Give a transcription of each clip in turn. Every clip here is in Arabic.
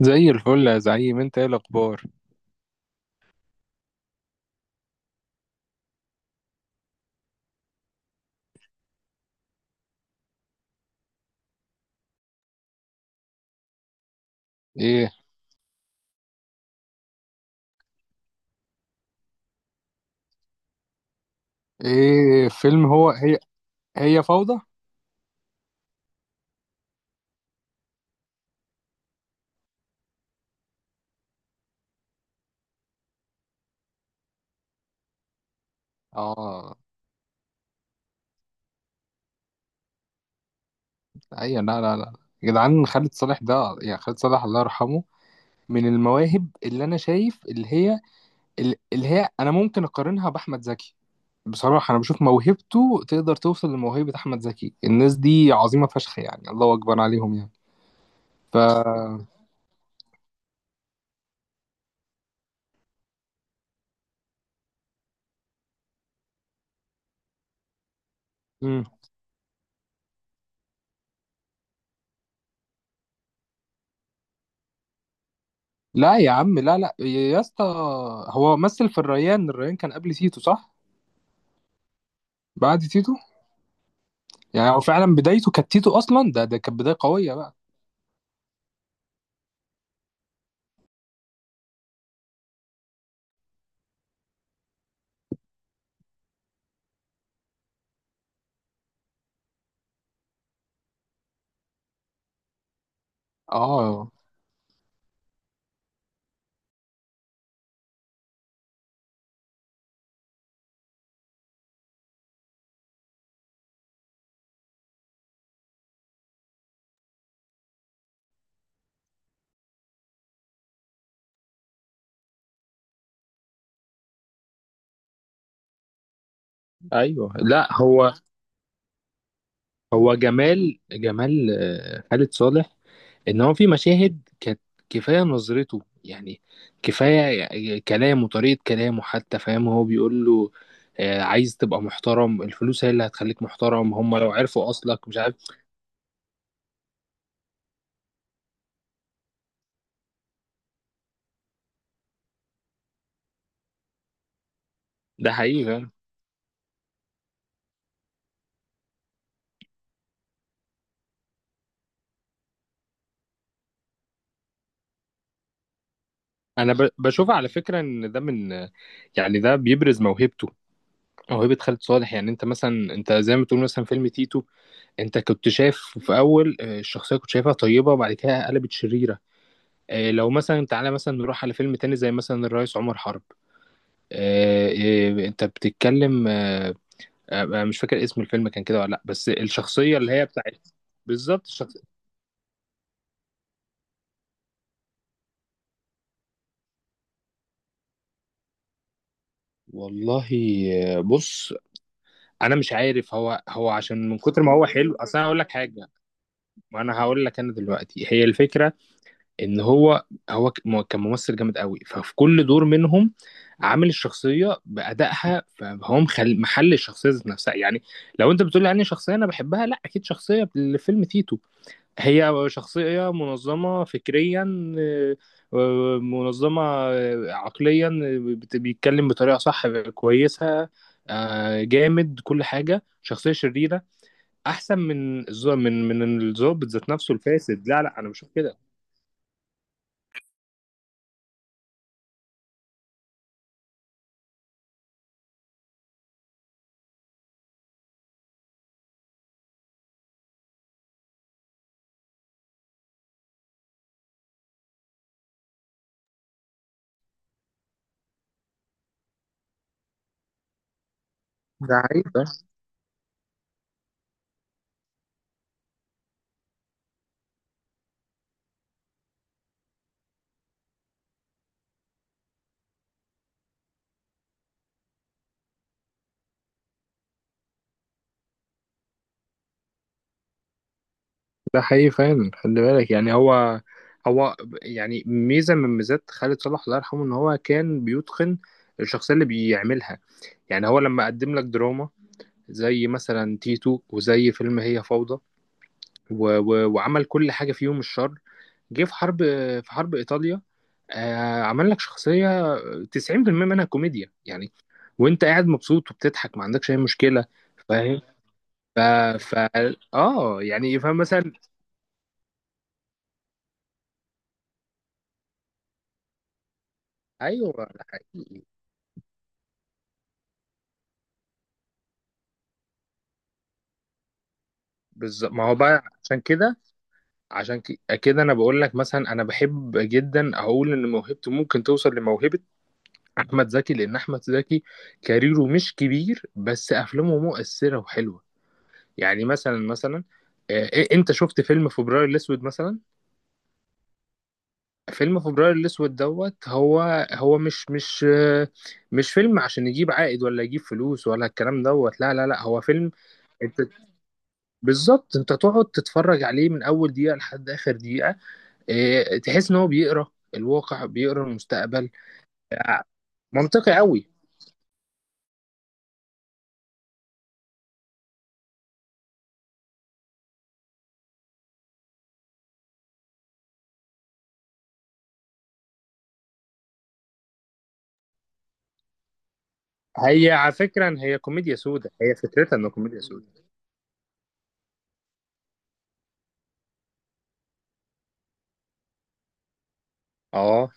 زي الفل يا زعيم، انت ايه الاخبار؟ ايه؟ ايه فيلم هو هي؟ هي فوضى. اه، ايوه، لا لا لا، يا جدعان خالد صالح ده. يعني خالد صالح الله يرحمه من المواهب، اللي انا شايف اللي هي انا ممكن اقارنها باحمد زكي. بصراحه انا بشوف موهبته تقدر توصل لموهبه احمد زكي. الناس دي عظيمه فشخ يعني، الله اكبر عليهم يعني. ف مم. لا يا عم، لا لا يا اسطى، هو مثل في الريان كان قبل تيتو، صح؟ بعد تيتو. يعني هو فعلا بدايته كانت تيتو اصلا. ده كانت بدايه قويه بقى. اه، ايوه، لا، هو جمال جمال، خالد صالح، ان هو في مشاهد كانت، كفايه نظرته يعني، كفايه كلامه، طريقه كلامه حتى. فاهم؟ هو بيقول له عايز تبقى محترم، الفلوس هي اللي هتخليك محترم، هم لو عرفوا اصلك مش عارف. ده حقيقي، فاهم. انا بشوف على فكره ان ده من، يعني ده بيبرز موهبته، موهبه خالد صالح. يعني انت مثلا، انت زي ما تقول مثلا فيلم تيتو، انت كنت شايف في اول، الشخصيه كنت شايفها طيبه، وبعد كده قلبت شريره. لو مثلا تعالى مثلا نروح على فيلم تاني زي مثلا الرئيس عمر حرب. آه، آه، انت بتتكلم. أنا مش فاكر اسم الفيلم كان كده ولا لا، بس الشخصيه اللي هي بتاعت، بالظبط الشخص. والله بص، انا مش عارف، هو عشان من كتر ما هو حلو. اصل انا هقول لك حاجه، ما انا هقول لك، انا دلوقتي هي الفكره ان هو، كان ممثل جامد قوي. ففي كل دور منهم عامل الشخصيه بادائها، فهو محل الشخصيه ذات نفسها يعني. لو انت بتقول لي عني شخصيه انا بحبها، لا، اكيد شخصيه الفيلم تيتو، هي شخصيه منظمه فكريا، منظمه عقليا، بيتكلم بطريقه صح، كويسه، جامد كل حاجه. شخصيه شريره احسن من الظابط ذات نفسه الفاسد. لا لا، انا بشوف كده. ده حقيقي. ده حقيقي فعلا. خلي بالك يعني، هو يعني ميزة من ميزات خالد صالح الله يرحمه، ان هو كان بيتقن الشخصية اللي بيعملها. يعني هو لما قدم لك دراما زي مثلا تيتو، وزي فيلم هي فوضى، و و وعمل كل حاجة فيهم الشر. جه في حرب إيطاليا، عمل لك شخصية 90% منها كوميديا يعني. وانت قاعد مبسوط وبتضحك ما عندكش اي مشكلة. فاهم. ف ف اه، يعني فاهم مثلا. ايوه ده حقيقي. بالظبط، ما هو بقى عشان كده. عشان كده انا بقول لك، مثلا انا بحب جدا اقول ان موهبته ممكن توصل لموهبه احمد زكي، لان احمد زكي كاريره مش كبير بس افلامه مؤثره وحلوه. يعني مثلا، انت شفت فيلم فبراير الاسود مثلا؟ فيلم فبراير الاسود دوت، هو مش فيلم عشان يجيب عائد ولا يجيب فلوس ولا الكلام دوت. لا لا لا، هو فيلم، انت بالظبط انت تقعد تتفرج عليه من اول دقيقه لحد اخر دقيقه. إيه، تحس ان هو بيقرا الواقع، بيقرا المستقبل. آه، منطقي قوي. هي على فكره هي كوميديا سودا، هي فكرتها انه كوميديا سودا. اه،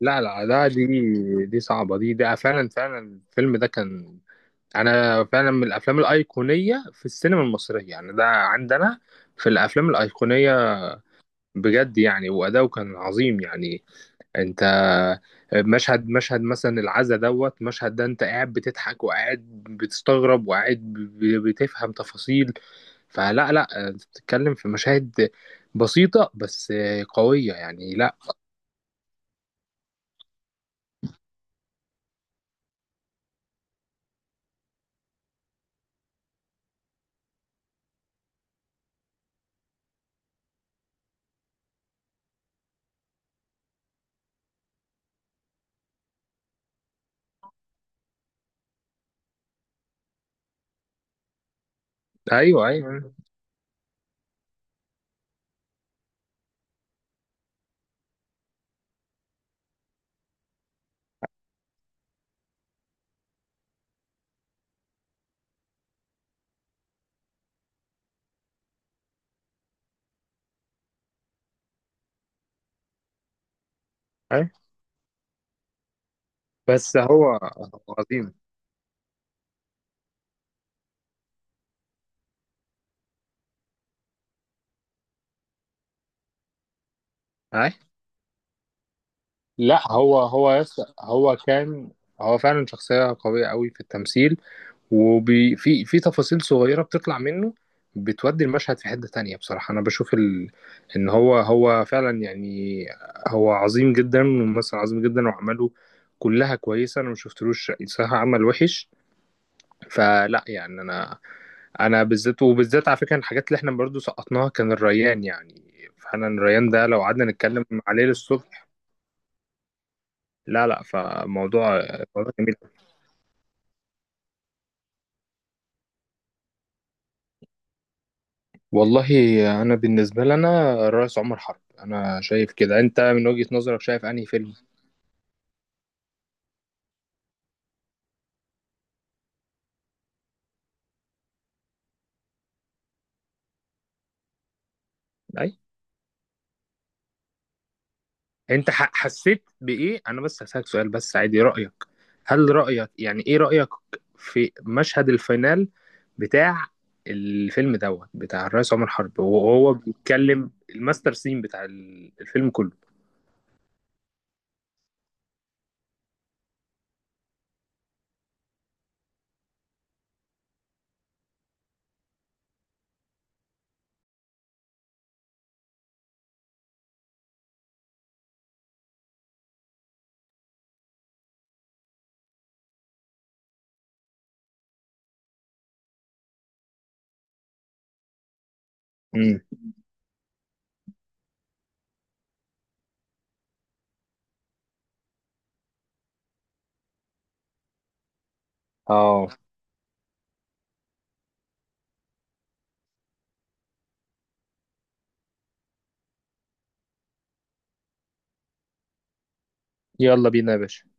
لا لا لا، دي صعبه، دي، ده فعلا فعلا. الفيلم ده كان، انا فعلا من الافلام الايقونيه في السينما المصريه يعني، ده عندنا في الافلام الايقونيه. بجد يعني واداؤه كان عظيم يعني. انت، مشهد مشهد مثلا العزا دوت، مشهد ده انت قاعد بتضحك، وقاعد بتستغرب، وقاعد بتفهم تفاصيل. فلا لا، انت بتتكلم في مشاهد بسيطة، بس قوية يعني، لا. ايوه ايوه ايوه، بس هو عظيم. اي، لا هو يس، هو فعلا شخصية قوية قوي في التمثيل. وفي في في تفاصيل صغيرة بتطلع منه، بتودي المشهد في حتة تانية. بصراحة أنا بشوف إن هو هو فعلا يعني، هو عظيم جدا، ممثل عظيم جدا. وأعماله كلها كويسة. أنا مشفتلوش صراحة عمل وحش. فلا يعني أنا، أنا بالذات، وبالذات على فكرة، الحاجات اللي إحنا برضو سقطناها كان الريان يعني، فعلا. الريان ده لو قعدنا نتكلم عليه للصبح. لا لا، فموضوع، موضوع جميل. والله انا بالنسبه لنا الرئيس عمر حرب، انا شايف كده. انت من وجهه نظرك شايف انهي فيلم؟ اي، انت حسيت بايه؟ انا بس هسالك سؤال، بس عادي رايك، هل رايك يعني، ايه رايك في مشهد الفينال بتاع الفيلم دوت، بتاع الرئيس عمر حرب وهو بيتكلم الماستر سين بتاع الفيلم كله؟ امم. اه، يلا بينا يا باشا.